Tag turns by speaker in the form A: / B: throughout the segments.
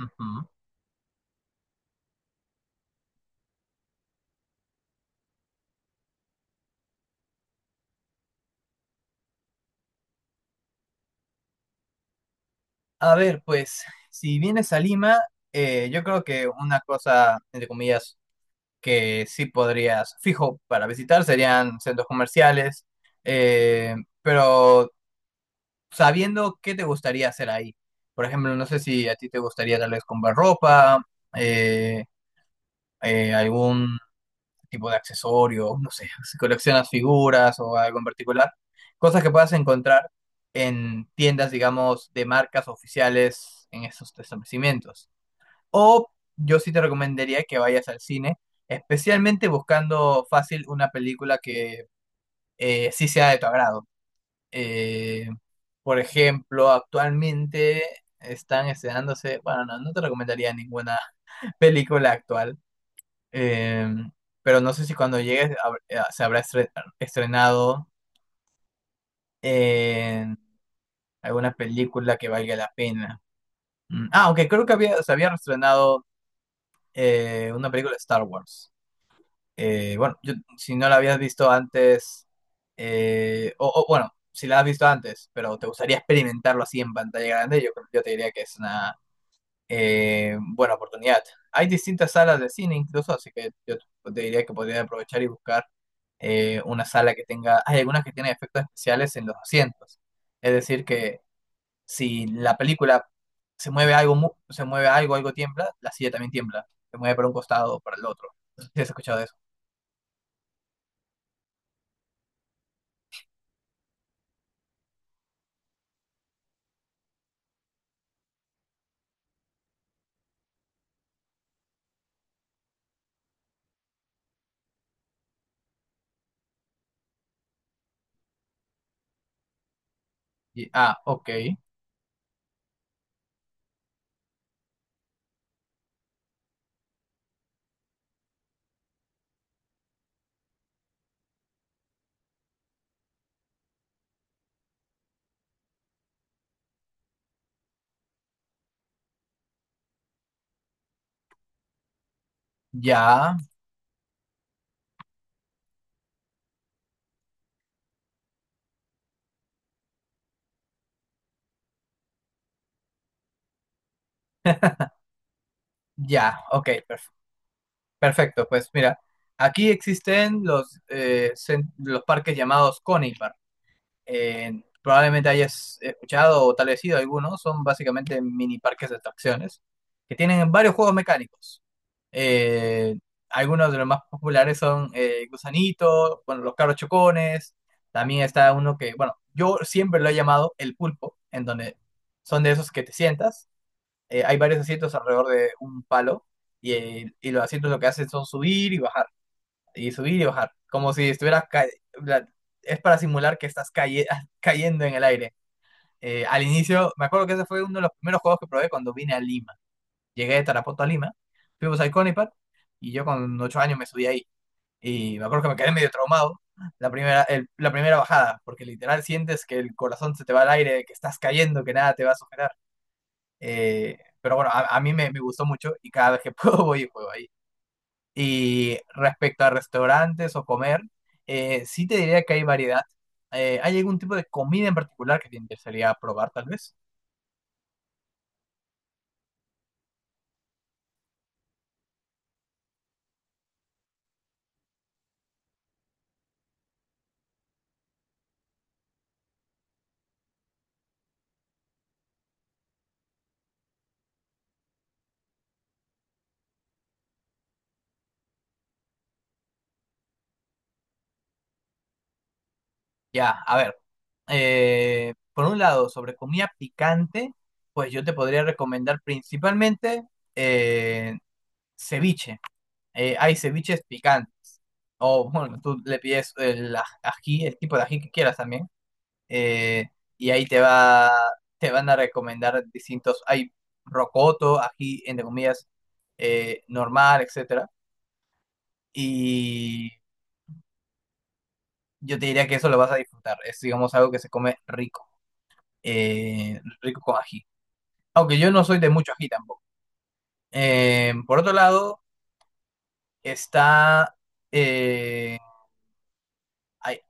A: Ujú. A ver, pues, si vienes a Lima, yo creo que una cosa, entre comillas, que sí podrías, fijo, para visitar serían centros comerciales, eh, pero sabiendo qué te gustaría hacer ahí. Por ejemplo, no sé si a ti te gustaría tal vez comprar ropa, eh, algún tipo de accesorios, no sé, si coleccionas figuras o algo en particular, cosas que puedas encontrar en tiendas, digamos, de marcas oficiales en esos establecimientos. O yo sí te recomendaría que vayas al cine, especialmente buscando fácil una película que sí sea de tu agrado. Eh, por ejemplo, actualmente están estrenándose, bueno, no te recomendaría ninguna película actual. Em, pero no sé si cuando llegues se estrenado en alguna película que valga la pena. Mm. Ah, aunque creo que había, se había estrenado una película de Star Wars. Bueno, si no la habías visto antes, bueno, si la has visto antes, pero te gustaría experimentarlo así en pantalla grande, yo, yo te diría que es una buena oportunidad. Hay distintas salas de cine incluso, así que yo te diría que podría aprovechar y buscar una sala que tenga, hay algunas que tienen efectos especiales en los asientos. Es decir, que si la película se mueve algo, algo tiembla, la silla también tiembla. Se mueve para un costado o para el otro. ¿Sí has escuchado de eso? Ah, ok. Ya, ya, ok, perfecto. Pues mira, aquí existen los, los parques llamados Conipark. Probablemente hayas escuchado o tal vez sido algunos, son básicamente mini parques de atracciones que tienen varios juegos mecánicos. Eh, Algunos de los más populares son Gusanito, bueno, los carros chocones, también está uno que, bueno, yo siempre lo he llamado el pulpo, en donde son de esos que te sientas, hay varios asientos alrededor de un palo y los asientos lo que hacen son subir y bajar y subir y bajar, como si estuvieras, la- es para simular que estás cayendo en el aire. Al inicio, me acuerdo que ese fue uno de los primeros juegos que probé cuando vine a Lima. Llegué de Tarapoto a Lima, fuimos al Conipat y yo con 8 años me subí ahí. Y me acuerdo que me quedé medio traumado la primera, la primera bajada, porque literal sientes que el corazón se te va al aire, que estás cayendo, que nada te va a sujetar. Pero bueno, a mí me gustó mucho y cada vez que puedo voy y juego ahí. Y respecto a restaurantes o comer, sí te diría que hay variedad. ¿Hay algún tipo de comida en particular que te interesaría probar, tal vez? Ya, a ver. Eh, por un lado, sobre comida picante, pues yo te podría recomendar principalmente eh, ceviche. Hay ceviches picantes. O bueno, tú le pides ají, el tipo de ají que quieras también. eh, y ahí te va, te van a recomendar distintos, hay rocoto, ají, entre comillas, normal, etcétera, y yo te diría que eso lo vas a disfrutar, es digamos algo que se come rico, rico con ají, aunque yo no soy de mucho ají tampoco. Por otro lado, está, eh, hay-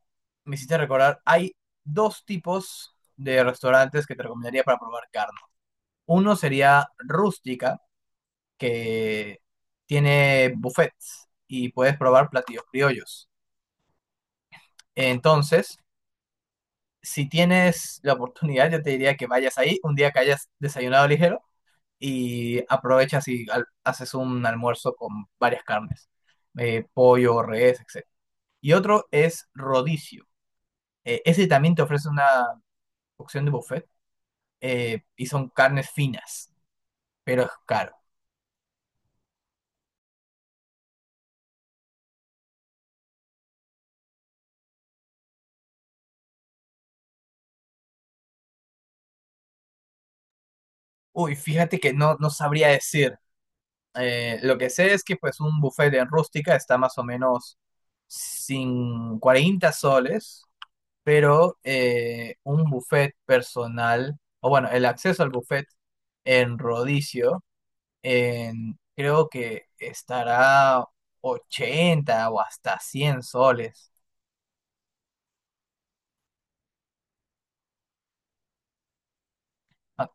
A: me hiciste recordar, hay dos tipos de restaurantes que te recomendaría para probar carne. Uno sería rústica, que tiene buffets y puedes probar platillos criollos. Entonces, si tienes la oportunidad, yo te diría que vayas ahí un día que hayas desayunado ligero y aprovechas y haces un almuerzo con varias carnes, pollo, res, etc. Y otro es rodicio. Ese también te ofrece una opción de buffet, y son carnes finas, pero es caro. Uy, fíjate que no sabría decir. Lo que sé es que pues un buffet en rústica está más o menos sin 40 soles, pero un buffet personal, o bueno, el acceso al buffet en Rodicio, creo que estará 80 o hasta 100 soles. Ah,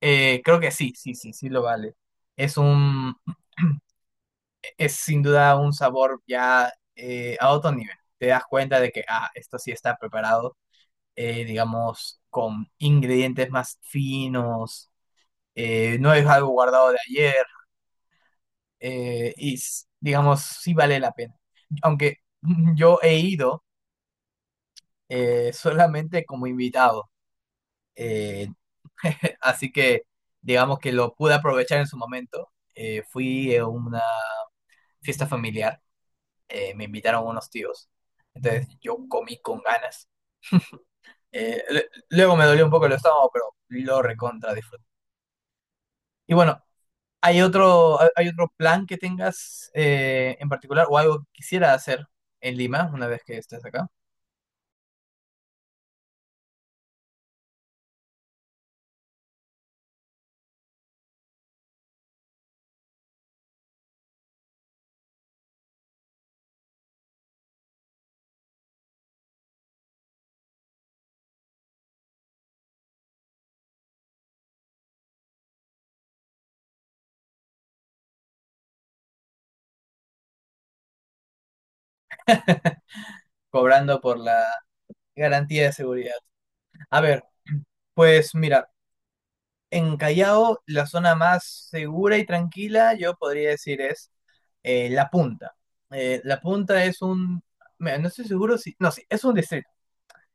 A: creo que sí, sí, sí, sí lo vale. Es un, es sin duda un sabor ya a otro nivel. Te das cuenta de que, ah, esto sí está preparado digamos, con ingredientes más finos, no es algo guardado de ayer, digamos, sí vale la pena. Aunque yo he ido solamente como invitado, eh, así que digamos que lo pude aprovechar en su momento. Fui a una fiesta familiar, me invitaron unos tíos, entonces yo comí con ganas. Luego me dolió un poco el estómago, pero lo recontra disfruté. Y bueno, ¿hay otro, hay otro plan que tengas en particular o algo que quisieras hacer en Lima una vez que estés acá? Cobrando por la garantía de seguridad. A ver, pues mira, en Callao la zona más segura y tranquila yo podría decir es La Punta. La Punta es un, no estoy seguro si, no, sí, es un distrito.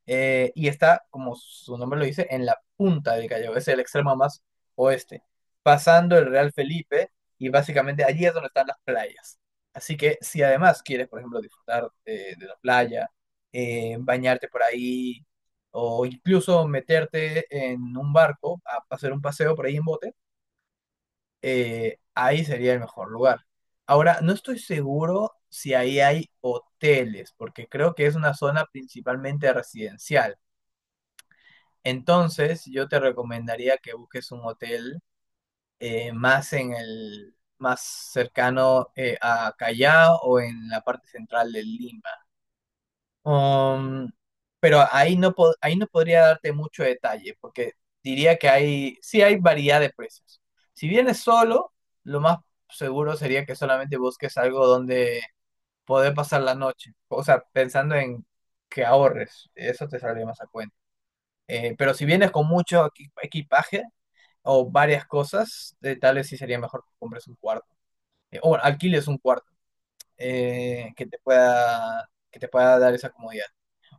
A: Y está, como su nombre lo dice, en la punta del Callao, es el extremo más oeste, pasando el Real Felipe y básicamente allí es donde están las playas. Así que si además quieres, por ejemplo, disfrutar de la playa, bañarte por ahí o incluso meterte en un barco a hacer un paseo por ahí en bote, ahí sería el mejor lugar. Ahora, no estoy seguro si ahí hay hoteles, porque creo que es una zona principalmente residencial. Entonces, yo te recomendaría que busques un hotel más en el más cercano a Callao o en la parte central de Lima. Um, pero ahí no, ahí no podría darte mucho detalle, porque diría que hay, sí hay variedad de precios. Si vienes solo, lo más seguro sería que solamente busques algo donde poder pasar la noche. O sea, pensando en que ahorres, eso te saldría más a cuenta. Pero si vienes con mucho equipaje, o varias cosas, tal vez sí sería mejor que compres un cuarto. O bueno, alquiles un cuarto que te pueda dar esa comodidad.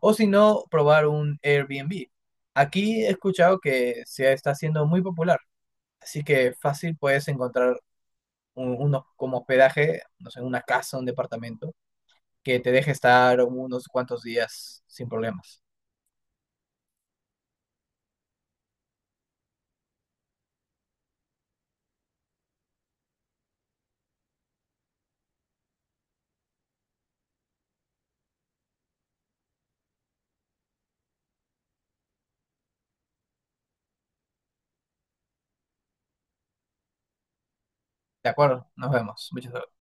A: O si no, probar un Airbnb. Aquí he escuchado que se está haciendo muy popular, así que fácil puedes encontrar unos como hospedaje, no sé, una casa, un departamento, que te deje estar unos cuantos días sin problemas. De acuerdo, nos vemos. Muchas gracias.